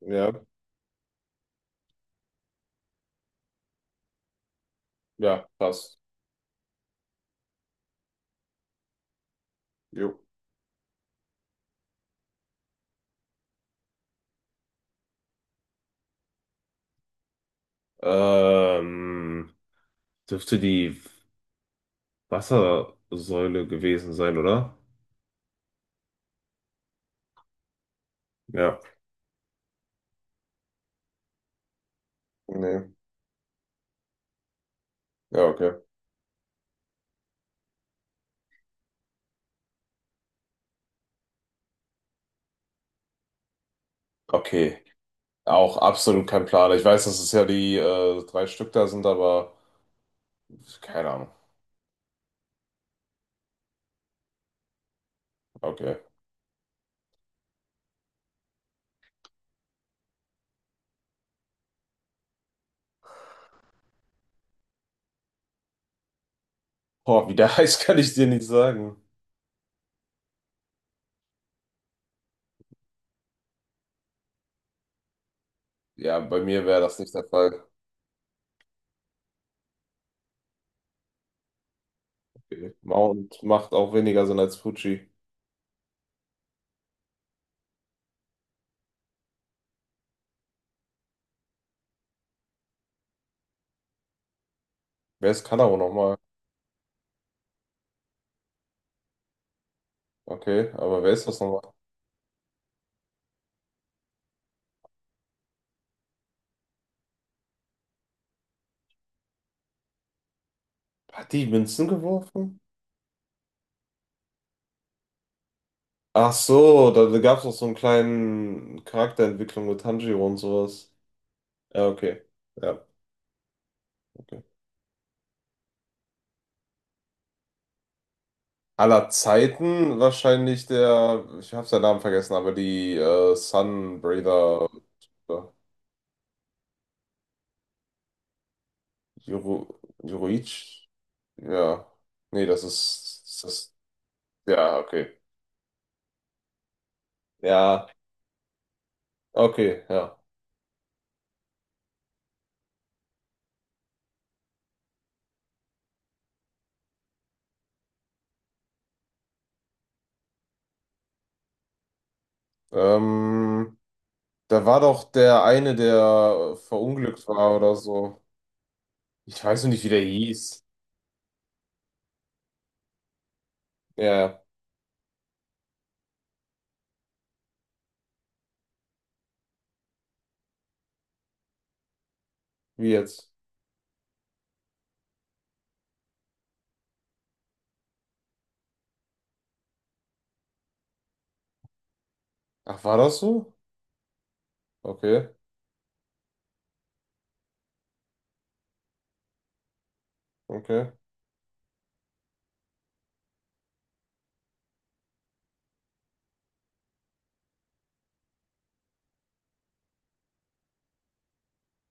Ja, ja, passt. Jo. Ähm, Dürfte die Wassersäule gewesen sein, oder? Ja. Nee. Ja, okay. Okay. Auch absolut kein Plan. Ich weiß, dass es ja die drei Stück da sind, aber keine Ahnung. Okay. Boah, wie der heißt, kann ich dir nicht sagen. Ja, bei mir wäre das nicht der Fall. Okay. Mount macht auch weniger Sinn als Fuji. Wer ist Kanaro nochmal? Okay, aber wer ist das nochmal? Hat die Münzen geworfen? Ach so, da gab es noch so einen kleinen Charakterentwicklung mit Tanjiro und sowas. Ja, okay. Ja, okay. Aller Zeiten wahrscheinlich der, ich habe seinen Namen vergessen, aber die Sunbreather äh, Yoru, Yoruichi? Ja. Nee, das ist, ist das. Ist, ja, okay. Ja, okay, ja. Ähm, Da war doch der eine, der verunglückt war oder so. Ich weiß noch nicht, wie der hieß. Ja, wie jetzt? Ach, war das so? Okay, okay.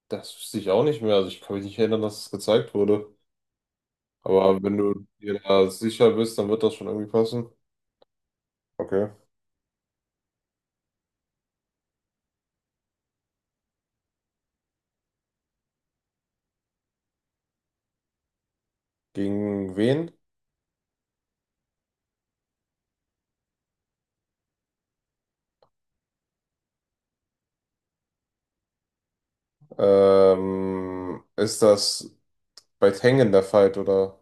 Das wüsste ich auch nicht mehr. Also ich kann mich nicht erinnern, dass es gezeigt wurde. Aber wenn du dir da sicher bist, dann wird das schon irgendwie passen. Okay. Gegen wen? Ist das bei Tengen der Fight, oder?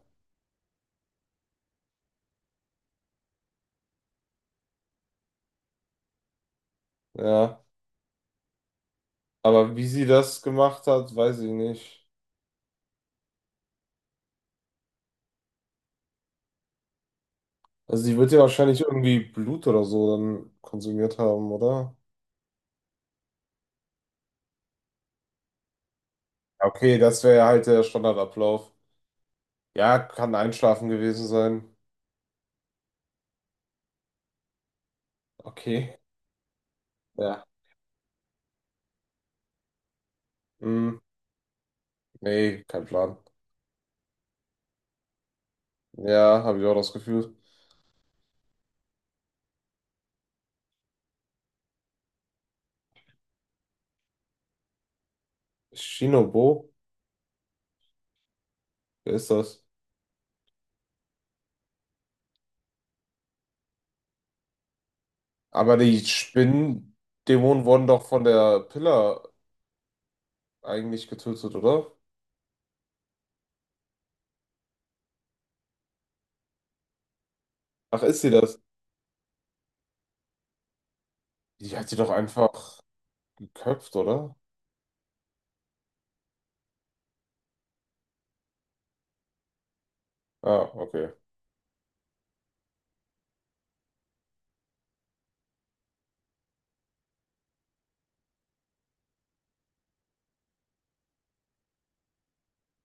Ja. Aber wie sie das gemacht hat, weiß ich nicht. Also sie wird ja wahrscheinlich irgendwie Blut oder so dann konsumiert haben, oder? Ja, okay, das wäre ja halt der Standardablauf. Ja, kann Einschlafen gewesen sein. Okay. Ja. Mm. Nee, kein Plan. Ja, habe ich auch das Gefühl. Shinobu, wer ist das? Aber die Spinnendämonen wurden doch von der Pillar eigentlich getötet, oder? Ach, ist sie das? Die hat sie doch einfach geköpft, oder? Ah, okay.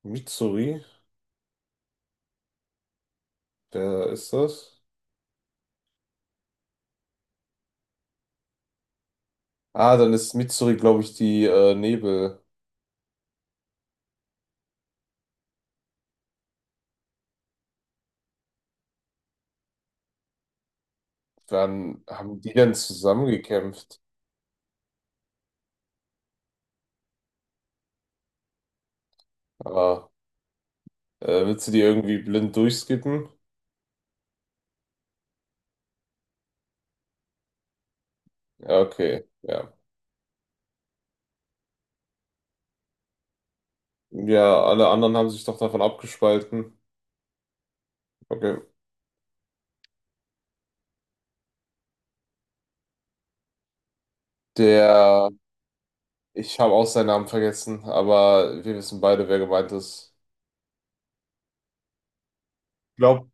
Mitsuri, wer ist das? Ah, dann ist Mitsuri, glaube ich, die Nebel. Wann haben die denn zusammengekämpft? Ah, willst du die irgendwie blind durchskippen? Ja, okay, ja. Ja, alle anderen haben sich doch davon abgespalten. Okay. Der, ich habe auch seinen Namen vergessen, aber wir wissen beide, wer gemeint ist. Glaub,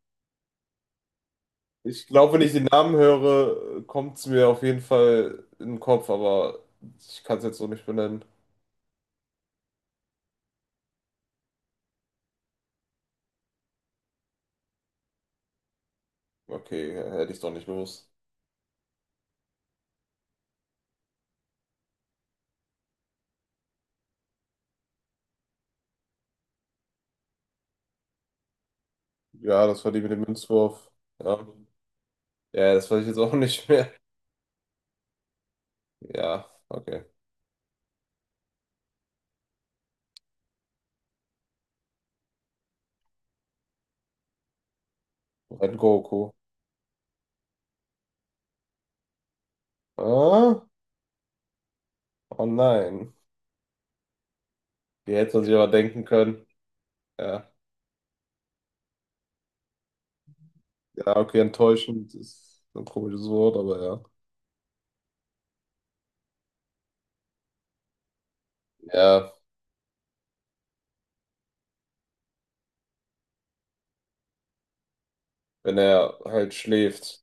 Ich glaube, wenn ich den Namen höre, kommt es mir auf jeden Fall in den Kopf, aber ich kann es jetzt so nicht benennen. Okay, hätte ich doch nicht gewusst. Ja, das war die mit dem Münzwurf. Ja, ja, das weiß ich jetzt auch nicht mehr. Ja, okay. Red Goku. Ah, oh nein. Die hätte man sich aber denken können. Ja. Ja, okay, enttäuschend ist ein komisches Wort, aber ja. Ja, wenn er halt schläft.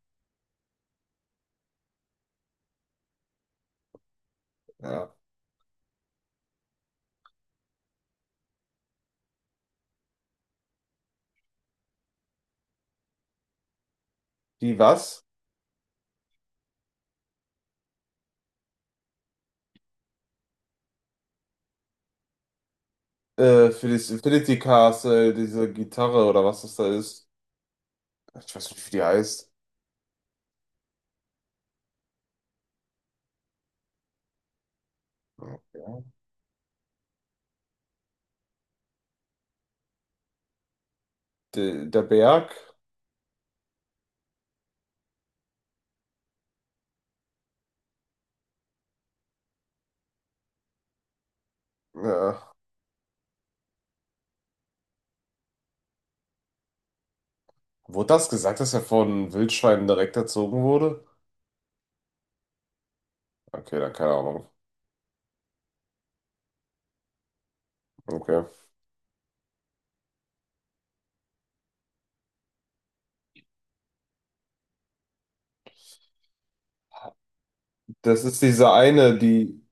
Ja. Die was? Für das Infinity Castle, diese Gitarre oder was das da ist. Ich weiß nicht, wie die heißt. Ja. De, der Berg? Ja. Wurde das gesagt, dass er von Wildschweinen direkt erzogen wurde? Okay, dann keine Ahnung. Okay. Das ist diese eine, die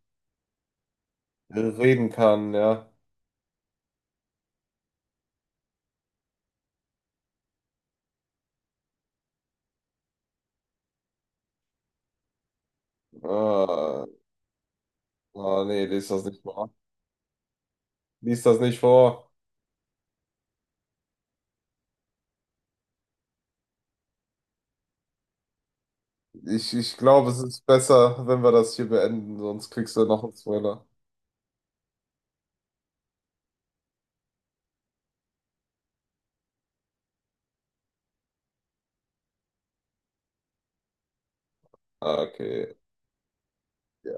reden kann, ja. Ah, ah, nee, lies das nicht vor. Lies das nicht vor. Ich glaube, es ist besser, wenn wir das hier beenden, sonst kriegst du noch einen Spoiler. Ah, okay. Ja,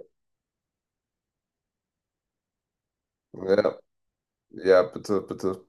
ja, ja, bitte, bitte.